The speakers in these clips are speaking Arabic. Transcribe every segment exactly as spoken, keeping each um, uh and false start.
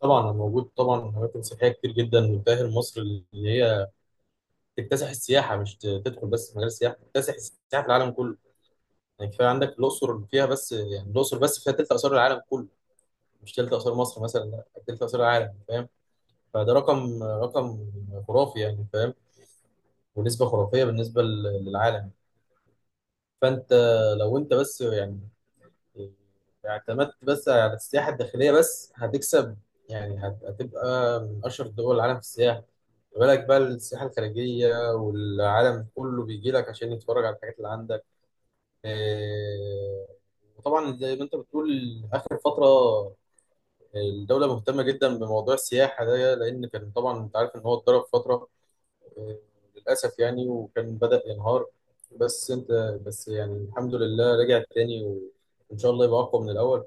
طبعا، أنا موجود. طبعا اماكن سياحيه كتير جدا بتاهل مصر اللي هي تكتسح السياحه. مش ت- تدخل بس في مجال السياحه، تكتسح السياحه في العالم كله. يعني كفايه عندك الاقصر فيها، بس يعني الاقصر بس فيها تلت اثار العالم كله. مش تلت اثار مصر مثلا، لا، تلت اثار العالم. فاهم؟ فده رقم رقم خرافي يعني. فاهم؟ ونسبه خرافيه بالنسبه لل- للعالم. فانت لو انت بس يعني اعتمدت بس على السياحة الداخلية، بس هتكسب. يعني هت- هتبقى من أشهر دول العالم في السياحة. ما بالك بقى السياحة الخارجية، والعالم كله بيجي لك عشان يتفرج على الحاجات اللي عندك. إيه، وطبعا زي ما انت بتقول، آخر فترة الدولة مهتمة جدا بموضوع السياحة ده، لأن كان طبعا انت عارف إن هو اتضرب فترة، إيه، للأسف يعني، وكان بدأ ينهار. بس انت بس يعني الحمد لله رجع تاني، وإن شاء الله يبقى أقوى من الأول.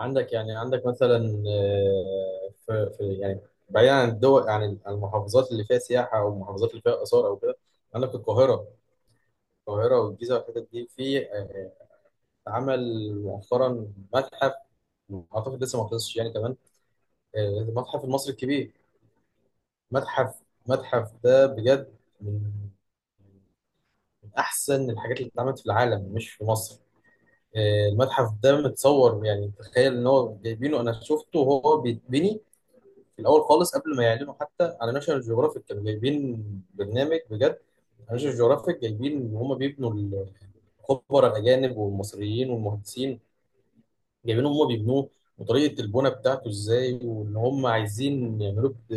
عندك يعني عندك مثلا، آه، في في يعني بعيدا عن الدول، عن المحافظات اللي فيها سياحة أو المحافظات اللي فيها آثار أو كده. عندك القاهرة. القاهرة والجيزة والحتت دي، في آه، اتعمل مؤخرا متحف، أعتقد لسه ما خلصش يعني كمان، آه، المتحف المصري الكبير. متحف متحف ده بجد من من أحسن الحاجات اللي اتعملت في العالم مش في مصر. آه، المتحف ده متصور، يعني تخيل إن هو جايبينه. أنا شفته وهو بيتبني في الاول خالص قبل ما يعلنوا، حتى على ناشونال جيوغرافيك كانوا جايبين برنامج بجد. ناشونال جيوغرافيك جايبين ان هم بيبنوا، الخبراء الاجانب والمصريين والمهندسين جايبين هم بيبنوه، وطريقه البناء بتاعته ازاي، وان هم عايزين يعملوه بت-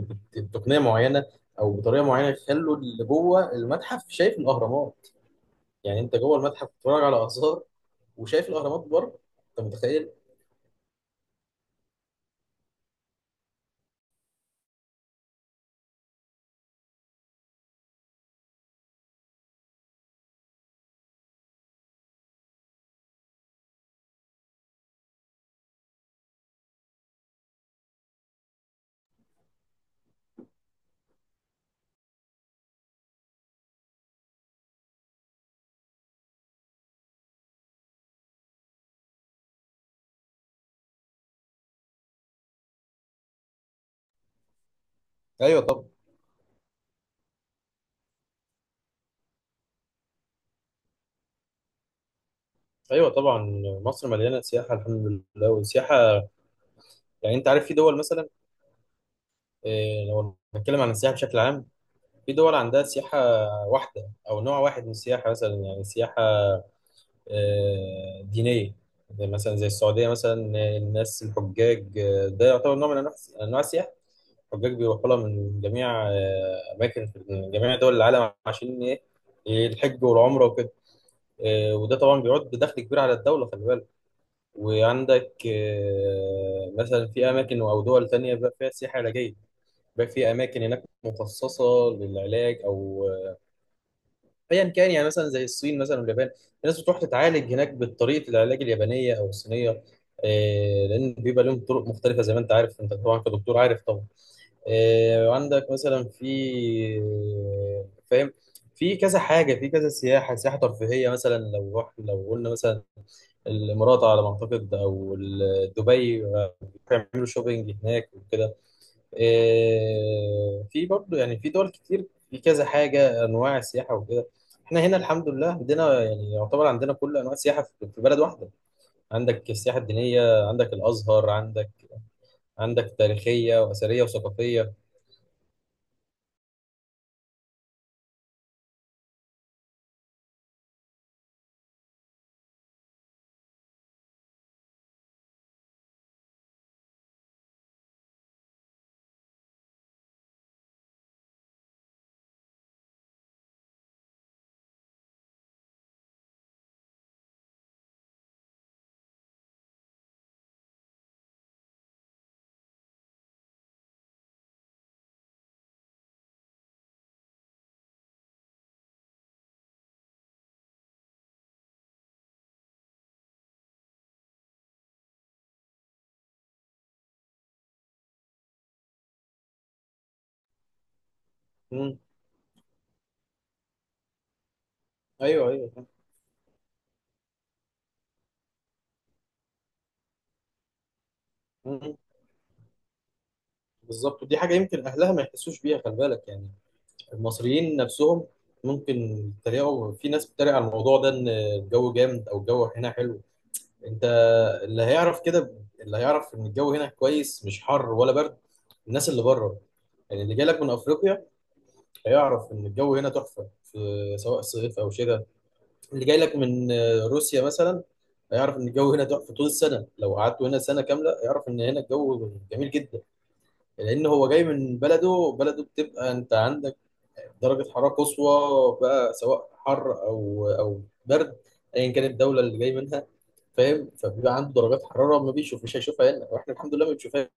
بت- بتقنيه معينه او بطريقه معينه، يخلوا اللي جوه المتحف شايف الاهرامات. يعني انت جوه المتحف بتتفرج على اثار وشايف الاهرامات بره. انت متخيل؟ ايوه طبعا. ايوه طبعا، مصر مليانه سياحه الحمد لله. والسياحه يعني انت عارف، في دول مثلا، إيه، لو نتكلم عن السياحة بشكل عام، في دول عندها سياحة واحدة أو نوع واحد من السياحة. مثلا يعني سياحة آه، دينية، زي مثلا زي السعودية مثلا. آه، الناس الحجاج، آه، ده يعتبر نوع من أنواع أنواع السياحة. الحجاج بيروحوا لها من جميع آه، أماكن، في من جميع دول العالم. عشان إيه؟ الحج والعمرة وكده. آه، وده طبعا بيعود بدخل كبير على الدولة، خلي بالك. وعندك آه، مثلا في أماكن أو دول تانية بقى فيها سياحة علاجية. بقى في اماكن هناك مخصصه للعلاج او ايا كان، يعني مثلا زي الصين مثلا واليابان، في ناس بتروح تتعالج هناك بطريقه العلاج اليابانيه او الصينيه. آه، لان بيبقى لهم طرق مختلفه، زي ما انت عارف انت طبعا كدكتور عارف طبعا. آه، عندك مثلا في. فاهم؟ في كذا حاجه، في كذا سياحه. سياحه ترفيهيه مثلا، لو رحت لو قلنا مثلا الامارات على ما اعتقد او ال- دبي، بيعملوا شوبينج هناك وكده. آه، في برضه، يعني في دول كتير في كذا حاجة، أنواع السياحة وكده. احنا هنا الحمد لله عندنا، يعني يعتبر عندنا كل أنواع السياحة في في بلد واحدة. عندك السياحة الدينية، عندك الأزهر، عندك عندك تاريخية وأثرية وثقافية. مم. أيوه، أيوه. مم. بالظبط. ودي حاجة يمكن أهلها ما يحسوش بيها، خلي بالك، يعني المصريين نفسهم ممكن يتريقوا. في ناس بتتريق على الموضوع ده، إن الجو جامد أو الجو هنا حلو. انت اللي هيعرف كده، اللي هيعرف ان الجو هنا كويس، مش حر ولا برد، الناس اللي بره، يعني اللي جاي لك من افريقيا، هيعرف ان الجو هنا تحفه في سواء صيف او شتاء. اللي جاي لك من آه، روسيا مثلا، هيعرف ان الجو هنا تحفه طول السنه. لو قعدت هنا سنه كامله هيعرف ان هنا الجو جميل جدا، لان هو جاي من بلده. بلده بتبقى انت عندك درجه حراره قصوى، بقى سواء حر او او برد، ايا كانت الدوله اللي جاي منها. فاهم؟ فبيبقى عنده درجات حراره، ما بيشوف مش هيشوفها هنا، واحنا الحمد لله ما بنشوفهاش.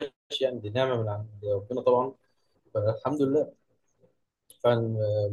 يعني دي نعمه من عند ربنا طبعا، فالحمد لله. فعلا،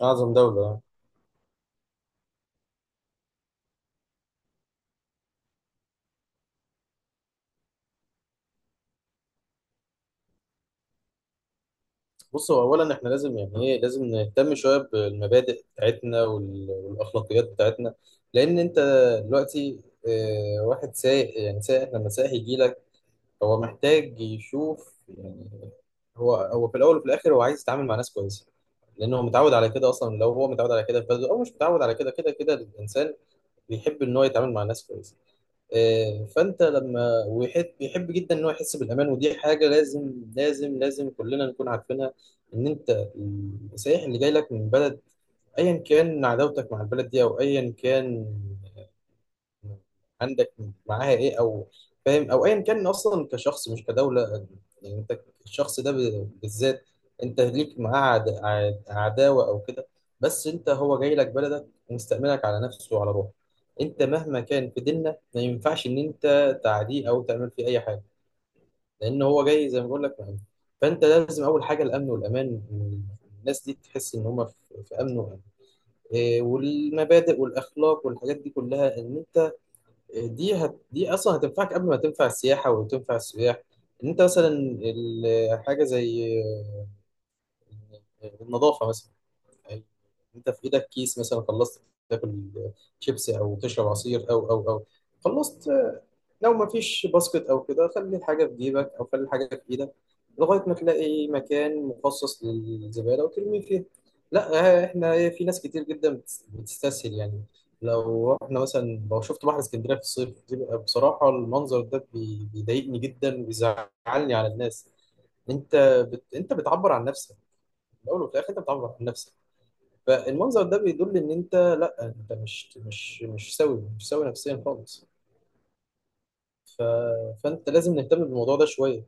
اعظم دوله. بص، هو اولا احنا لازم، يعني ايه، لازم نهتم شويه بالمبادئ بتاعتنا وال- والاخلاقيات بتاعتنا. لان انت دلوقتي، آه، واحد سايق، يعني سايق لما سايق يجي لك، هو محتاج يشوف، يعني هو هو في الاول وفي الاخر هو عايز يتعامل مع ناس كويسه، لان هو متعود على كده اصلا. لو هو متعود على كده في بلده او مش متعود على كده، كده كده الانسان بيحب ان هو يتعامل مع ناس كويسه. آه، فانت لما ويحب بيحب جدا ان هو يحس بالامان، ودي حاجه لازم لازم لازم كلنا نكون عارفينها. ان انت، السائح اللي جاي لك من بلد، ايا كان عداوتك مع البلد دي، او ايا كان عندك معاها ايه، او فاهم، او ايا كان اصلا كشخص مش كدوله. يعني انت الشخص ده ب- بالذات، انت ليك معاه عد- عد- عداوه او كده. بس انت، هو جاي لك بلدك ومستأمنك على نفسه وعلى روحه. انت مهما كان، في ديننا ما ينفعش ان انت تعديه او تعمل فيه اي حاجه، لان هو جاي زي ما بقول لك مأمن. فانت لازم، اول حاجه الامن والامان، الناس دي تحس ان هم في في امن وامان. إيه، والمبادئ والاخلاق والحاجات دي كلها، ان انت، دي هت... دي اصلا هتنفعك قبل ما تنفع السياحه وتنفع السياح. ان انت مثلا، ال- حاجه زي النظافه مثلا، أي- انت في ايدك كيس مثلا، خلصت تاكل شيبسي او تشرب عصير او او او، خلصت، آه، لو ما فيش باسكت او كده، خلي الحاجه في جيبك او خلي الحاجه في ايدك لغايه ما تلاقي مكان مخصص للزباله وترمي فيه. لا، آه، احنا، إيه، في ناس كتير جدا بتس- بتستسهل يعني. لو احنا مثلا لو شفت بحر اسكندريه في الصيف، بيبقى بصراحه المنظر ده بي- بيضايقني جدا وبيزعلني على الناس. انت بت... انت بتعبر عن نفسك، في الاول وفي الاخر انت بتعبر عن نفسك. فالمنظر ده بيدل ان انت، لا، انت مش مش مش سوي، مش سوي نفسيا خالص. ف... فانت لازم نهتم بالموضوع ده شويه.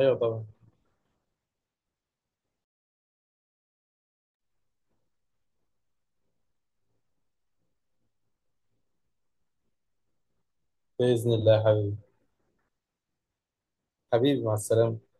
ايوه طبعا. باذن الله يا حبيبي. حبيبي، مع السلامه.